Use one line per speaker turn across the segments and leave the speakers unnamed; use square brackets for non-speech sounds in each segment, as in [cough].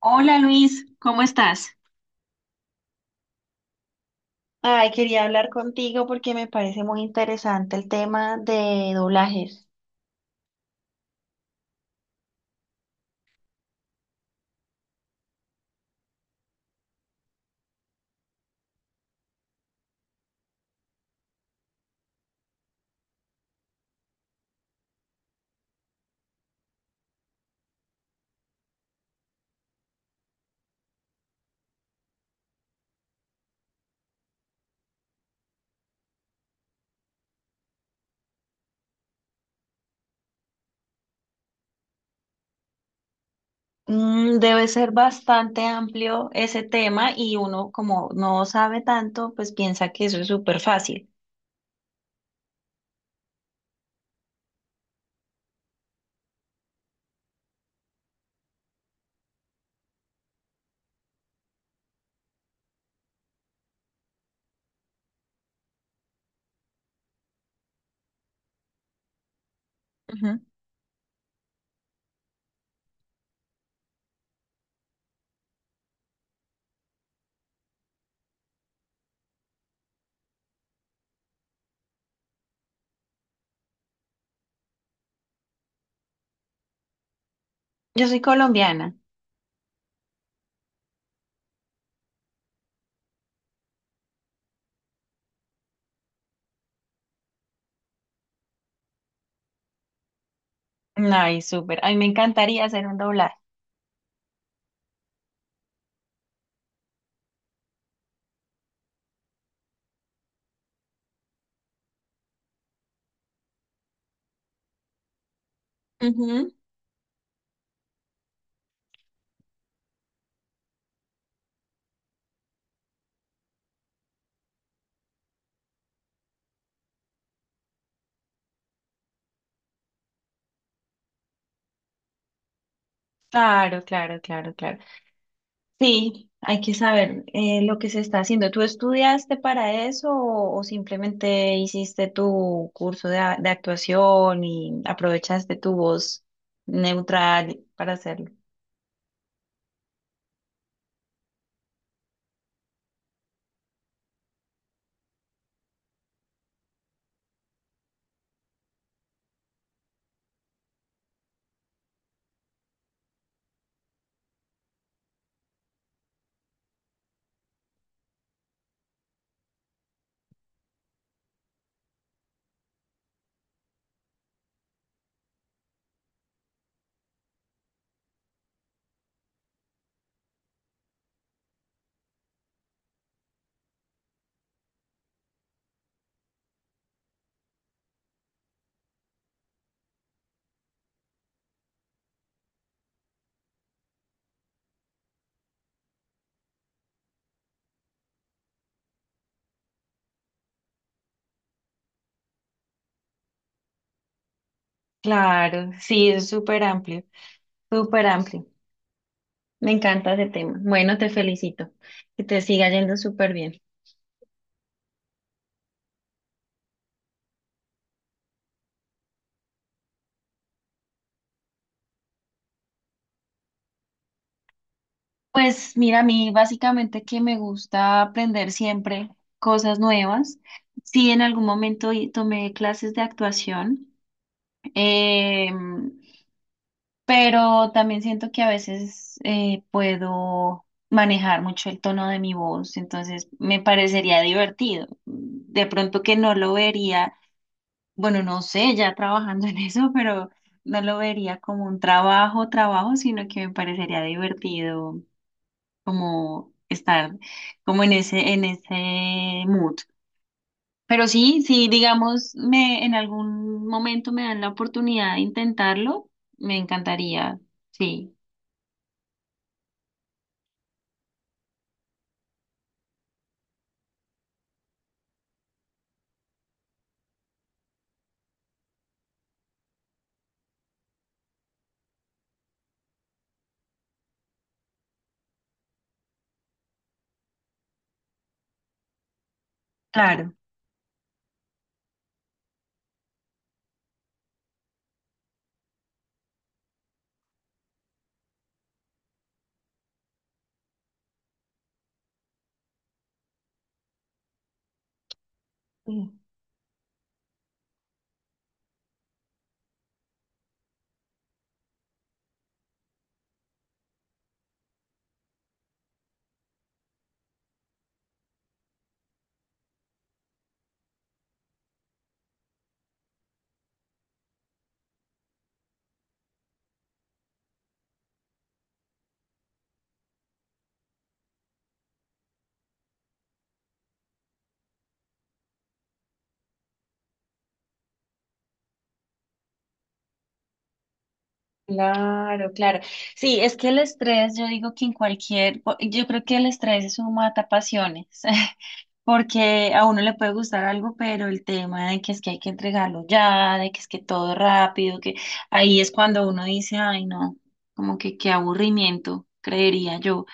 Hola Luis, ¿cómo estás? Ay, quería hablar contigo porque me parece muy interesante el tema de doblajes. Mm, debe ser bastante amplio ese tema y uno como no sabe tanto, pues piensa que eso es súper fácil. Ujú. Yo soy colombiana. Ay, súper. A mí me encantaría hacer un doblaje. Ujú. Claro, claro, claro, claro. Sí, hay que saber lo que se está haciendo. ¿Tú estudiaste para eso o simplemente hiciste tu curso de, de actuación y aprovechaste tu voz neutral para hacerlo? Claro, sí, es súper amplio, súper amplio. Me encanta ese tema. Bueno, te felicito, que te siga yendo súper bien. Pues mira, a mí básicamente que me gusta aprender siempre cosas nuevas. Sí, en algún momento tomé clases de actuación. Eh, pero también siento que a veces puedo manejar mucho el tono de mi voz, entonces me parecería divertido. De pronto que no lo vería, bueno, no sé, ya trabajando [laughs] en eso, pero no lo vería como un trabajo, trabajo, sino que me parecería divertido como estar como en ese mood. Pero sí, sí, digamos, me, en algún momento me dan la oportunidad de intentarlo, me encantaría, sí. Claro. Mm. Claro, claro. Sí, es que el estrés, yo digo que en cualquier, yo creo que el estrés es un matapasiones, [laughs] porque a uno le puede gustar algo, pero el tema de que es que hay que entregarlo ya, de que es que todo rápido, que ahí es cuando uno dice, ay, no, como que qué aburrimiento, creería yo.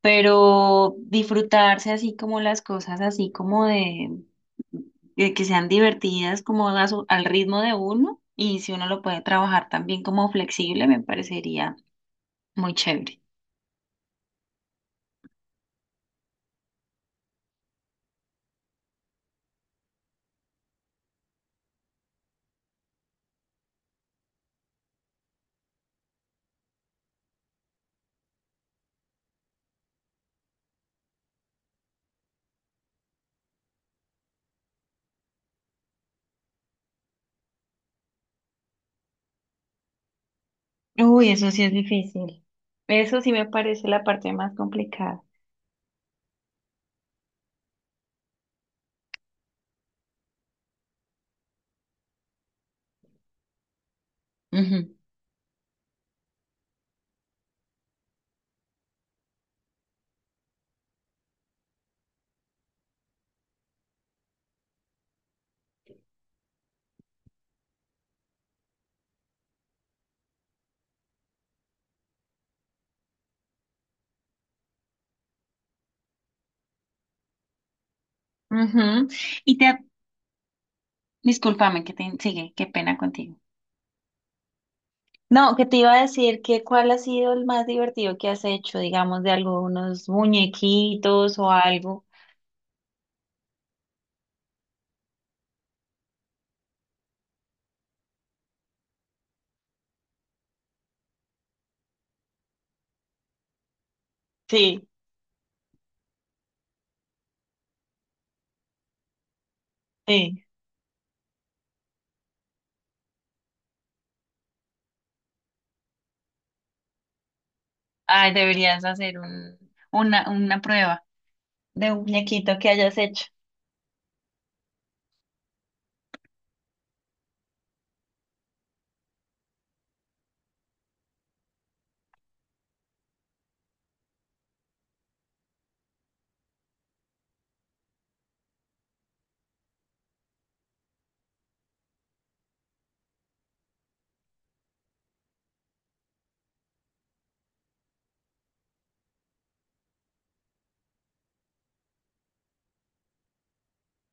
Pero disfrutarse así como las cosas, así como de que sean divertidas, como a al ritmo de uno, y si uno lo puede trabajar también como flexible, me parecería muy chévere. Uy, eso sí es difícil. Eso sí me parece la parte más complicada. Ujú, ujú. Y te, discúlpame que te sigue, qué pena contigo. No, que te iba a decir que cuál ha sido el más divertido que has hecho, digamos, de algunos muñequitos o algo. Sí, sí. Ay, deberías hacer un, una prueba de un muñequito que hayas hecho.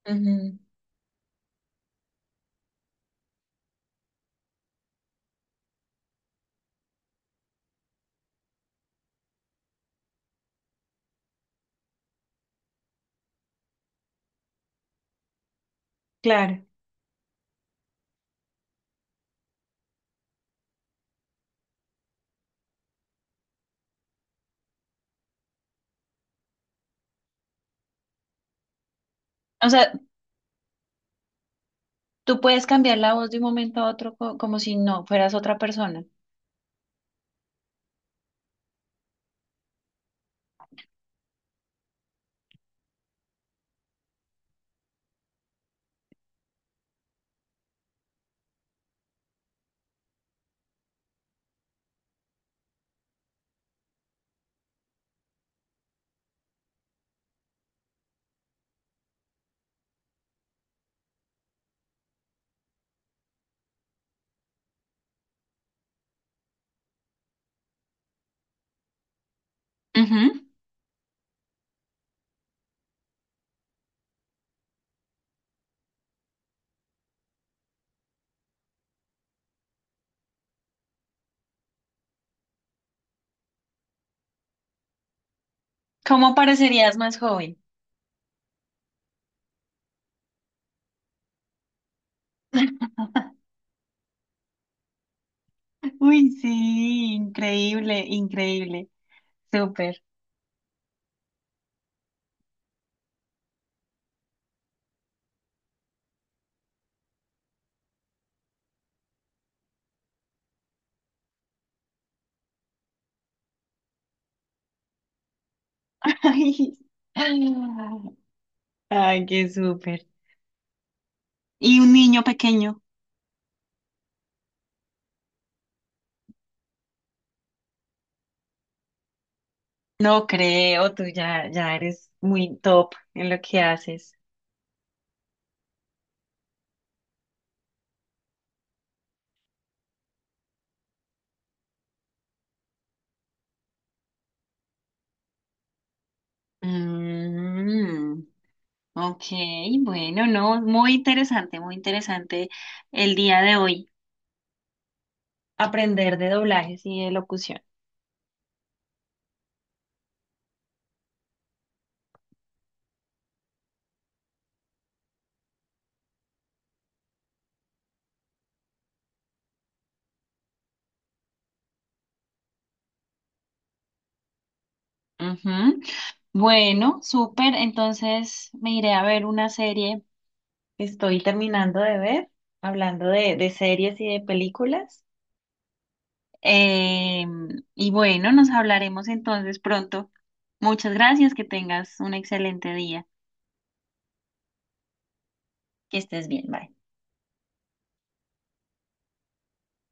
Ujú. Claro. O sea, tú puedes cambiar la voz de un momento a otro como si no fueras otra persona. Ujú. ¿Cómo parecerías más joven? [laughs] Uy, sí, increíble, increíble. Súper. [laughs] Ay, ay, qué súper. Y un niño pequeño. No creo, tú ya, ya eres muy top en lo que haces. Mm. Ok, bueno, no, muy interesante el día de hoy aprender de doblajes y de locución. Ujú. Bueno, súper, entonces me iré a ver una serie que estoy terminando de ver, hablando de series y de películas. Eh, y bueno, nos hablaremos entonces pronto. Muchas gracias, que tengas un excelente día, que estés bien, bye.